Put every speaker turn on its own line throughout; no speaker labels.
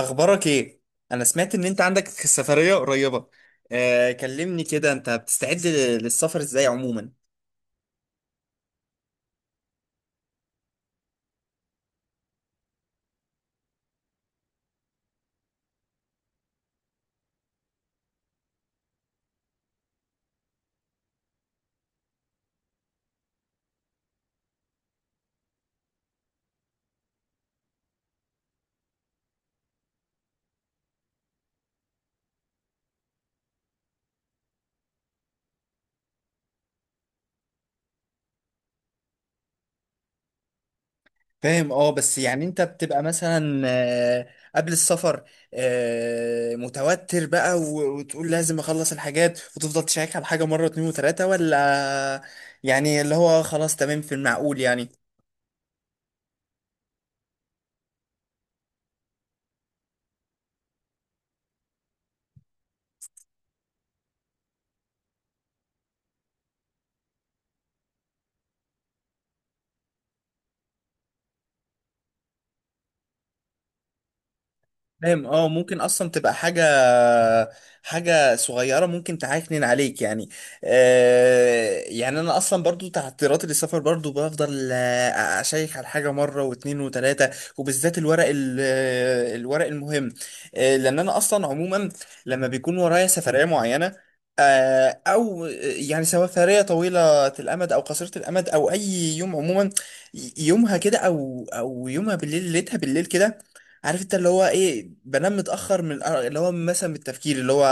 اخبارك ايه؟ انا سمعت ان انت عندك سفرية قريبة. كلمني كده، انت بتستعد للسفر ازاي عموما؟ فاهم. اه، بس يعني انت بتبقى مثلا قبل السفر متوتر بقى، و- وتقول لازم اخلص الحاجات وتفضل تشيك على حاجة مرة، اتنين وتلاتة، ولا يعني اللي هو خلاص، تمام في المعقول يعني؟ فاهم. اه، ممكن اصلا تبقى حاجه صغيره ممكن تعكنن عليك يعني. يعني انا اصلا برضو تعثيراتي للسفر برضو بفضل اشيك على حاجه مره واتنين وتلاته، وبالذات الورق الورق المهم. لان انا اصلا عموما لما بيكون ورايا سفريه معينه، آه، او آه، يعني سفريه طويله الامد او قصيره الامد او اي يوم عموما، يومها كده او يومها بالليل، ليلتها بالليل كده، عارف؟ انت اللي هو ايه، بنام متاخر من اللي هو مثلا من التفكير، اللي هو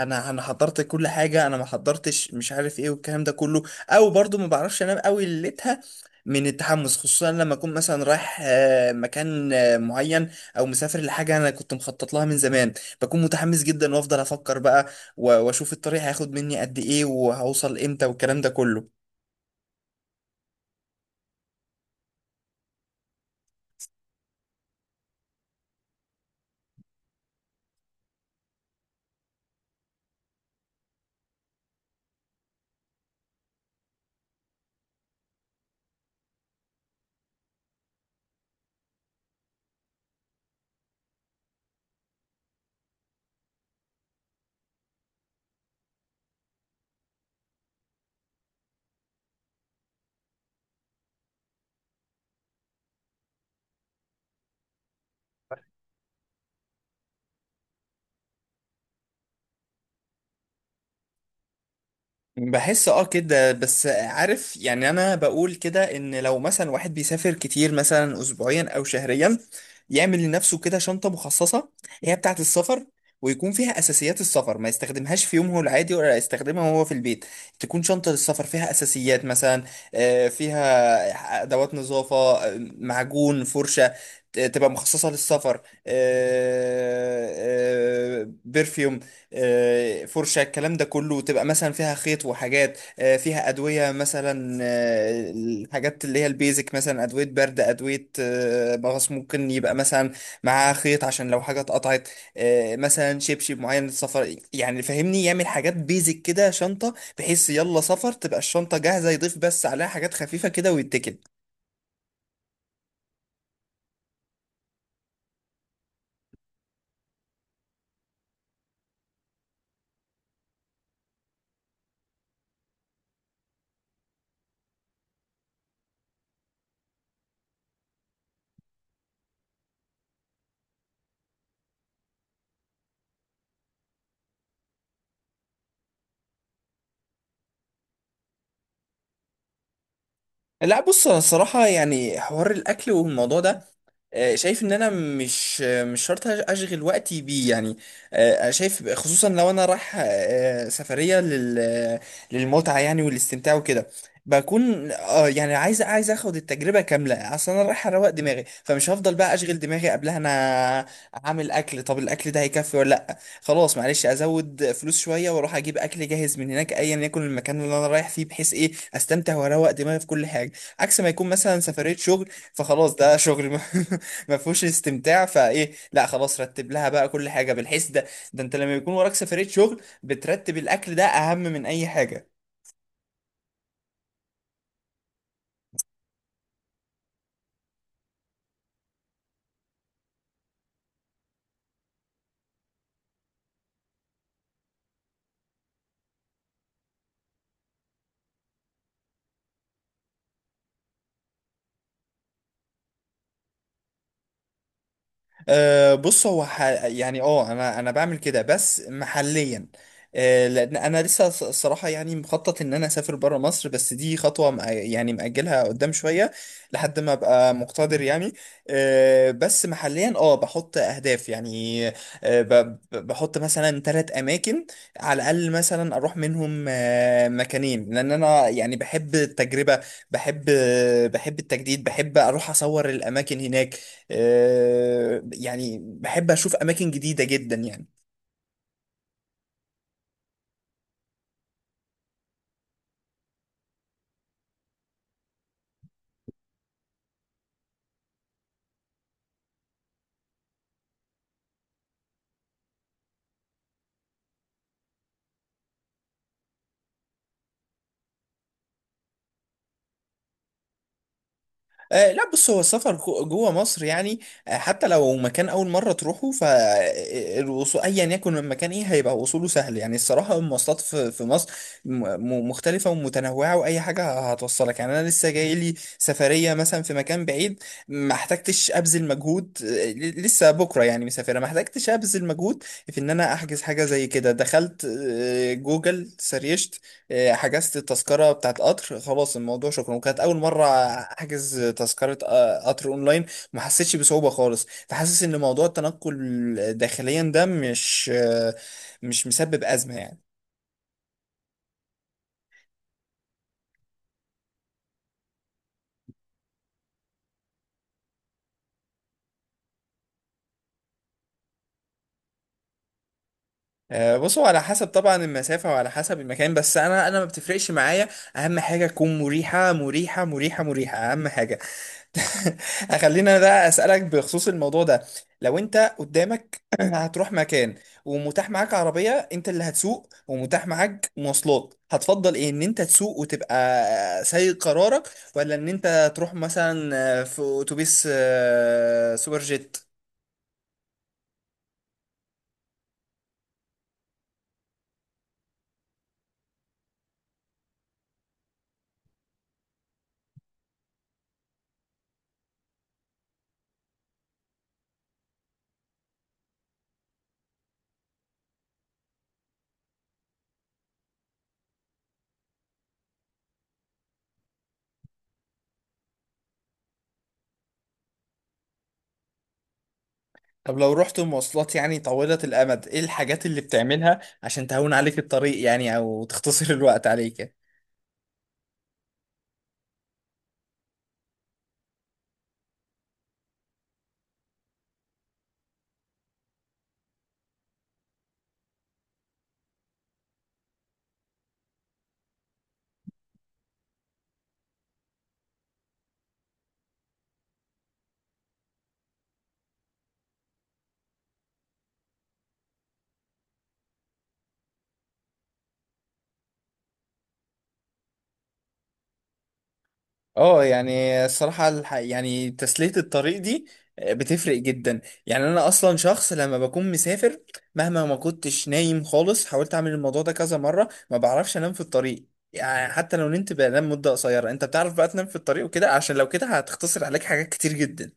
انا حضرت كل حاجه، انا ما حضرتش، مش عارف ايه والكلام ده كله، او برضو ما بعرفش انام قوي ليلتها من التحمس، خصوصا لما اكون مثلا رايح مكان معين، او مسافر لحاجه انا كنت مخطط لها من زمان. بكون متحمس جدا وافضل افكر بقى، و- واشوف الطريق هياخد مني قد ايه وهوصل امتى والكلام ده كله. بحس اه كده. بس عارف يعني؟ انا بقول كده ان لو مثلا واحد بيسافر كتير، مثلا اسبوعيا او شهريا، يعمل لنفسه كده شنطة مخصصة، هي بتاعة السفر، ويكون فيها اساسيات السفر، ما يستخدمهاش في يومه العادي ولا يستخدمها وهو في البيت. تكون شنطة للسفر فيها اساسيات، مثلا فيها ادوات نظافة، معجون، فرشة، تبقى مخصصة للسفر، برفيوم، فرشة، الكلام ده كله، تبقى مثلا فيها خيط وحاجات، فيها أدوية مثلا، الحاجات اللي هي البيزك، مثلا أدوية برد، أدوية مغص، ممكن يبقى مثلا معاها خيط عشان لو حاجة اتقطعت، مثلا شبشب معين للسفر، يعني فاهمني؟ يعمل حاجات بيزك كده، شنطة، بحيث يلا سفر تبقى الشنطة جاهزة، يضيف بس عليها حاجات خفيفة كده ويتكل. لا، بص. أنا الصراحة يعني حوار الأكل والموضوع ده، شايف ان انا مش شرط اشغل وقتي بيه يعني. شايف، خصوصا لو انا رايح سفرية للمتعة يعني والاستمتاع وكده، بكون اه يعني عايز اخد التجربة كاملة. اصل انا رايح اروق دماغي، فمش هفضل بقى اشغل دماغي قبلها. انا هعمل اكل، طب الاكل ده هيكفي ولا لا، خلاص معلش ازود فلوس شوية واروح اجيب اكل جاهز من هناك، ايا يكن المكان اللي انا رايح فيه، بحيث ايه؟ استمتع واروق دماغي في كل حاجة. عكس ما يكون مثلا سفرية شغل، فخلاص، ده شغل ما ما فيهوش استمتاع، فايه؟ لا، خلاص رتب لها بقى كل حاجة بالحس ده. ده انت لما يكون وراك سفرية شغل بترتب الاكل، ده اهم من اي حاجة. أه، بص. هو يعني اه، انا بعمل كده بس محليا. أه، لان انا لسه الصراحه يعني مخطط ان انا اسافر بره مصر، بس دي خطوه يعني مأجلها قدام شويه، لحد ما ابقى مقتدر يعني. أه، بس محليا اه بحط اهداف يعني. أه، بحط مثلا ثلاث اماكن على الاقل، مثلا اروح منهم أه مكانين، لان انا يعني بحب التجربه، بحب بحب التجديد، بحب اروح اصور الاماكن هناك، يعني بحب اشوف اماكن جديده جدا يعني. لا، بص. هو السفر جوه مصر يعني، حتى لو مكان اول مره تروحه، فالوصول ايا يكن المكان ايه، هيبقى وصوله سهل يعني. الصراحه المواصلات في مصر مختلفه ومتنوعه، واي حاجه هتوصلك يعني. انا لسه جاي لي سفريه مثلا في مكان بعيد، ما احتجتش ابذل مجهود، لسه بكره يعني مسافره، ما احتجتش ابذل مجهود في ان انا احجز حاجه. زي كده، دخلت جوجل سريشت إيه، حجزت التذكرة بتاعت قطر، خلاص، الموضوع شكرا. وكانت أول مرة أحجز تذكرة قطر أونلاين. ما حسيتش بصعوبة خالص، فحاسس إن موضوع التنقل داخليا ده مش مسبب أزمة يعني. بصوا، على حسب طبعا المسافة وعلى حسب المكان، بس أنا ما بتفرقش معايا، أهم حاجة تكون مريحة، مريحة، مريحة، مريحة، أهم حاجة. خلينا بقى اسالك بخصوص الموضوع ده، لو انت قدامك هتروح مكان، ومتاح معاك عربيه انت اللي هتسوق، ومتاح معاك مواصلات، هتفضل ايه؟ ان انت تسوق وتبقى سايق قرارك، ولا ان انت تروح مثلا في اتوبيس سوبر جيت؟ طب لو رحت مواصلات يعني طويلة الامد، ايه الحاجات اللي بتعملها عشان تهون عليك الطريق يعني، او تختصر الوقت عليك؟ اه، يعني الصراحة يعني تسلية الطريق دي بتفرق جدا. يعني انا اصلا شخص لما بكون مسافر، مهما ما كنتش نايم خالص، حاولت اعمل الموضوع ده كذا مرة، ما بعرفش انام في الطريق يعني. حتى لو نمت بنام مدة قصيرة. انت بتعرف بقى تنام في الطريق وكده؟ عشان لو كده هتختصر عليك حاجات كتير جدا.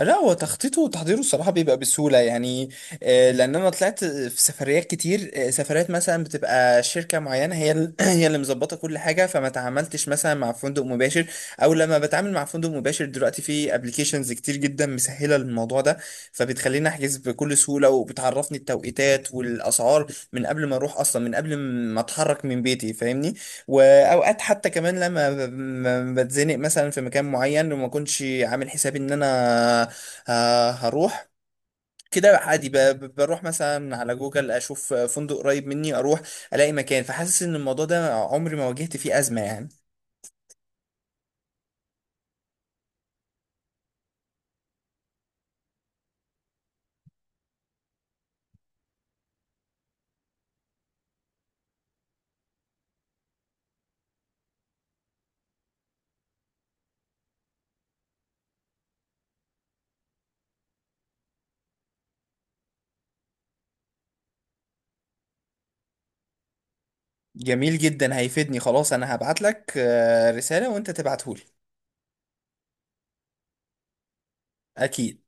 لا، هو تخطيطه وتحضيره الصراحة بيبقى بسهولة يعني، لأن أنا طلعت في سفريات كتير، سفريات مثلا بتبقى شركة معينة هي هي اللي مظبطة كل حاجة، فما تعاملتش مثلا مع فندق مباشر. أو لما بتعامل مع فندق مباشر دلوقتي، في أبليكيشنز كتير جدا مسهلة الموضوع ده، فبتخليني أحجز بكل سهولة وبتعرفني التوقيتات والأسعار من قبل ما أروح أصلا، من قبل ما أتحرك من بيتي، فاهمني؟ واوقات حتى كمان لما بتزنق مثلا في مكان معين، وما كنتش عامل حسابي ان انا هروح، كده عادي بروح مثلا على جوجل، اشوف فندق قريب مني، اروح الاقي مكان. فحاسس ان الموضوع ده عمري ما واجهت فيه ازمة يعني. جميل جدا، هيفيدني، خلاص انا هبعت لك رسالة وانت تبعتهولي. اكيد.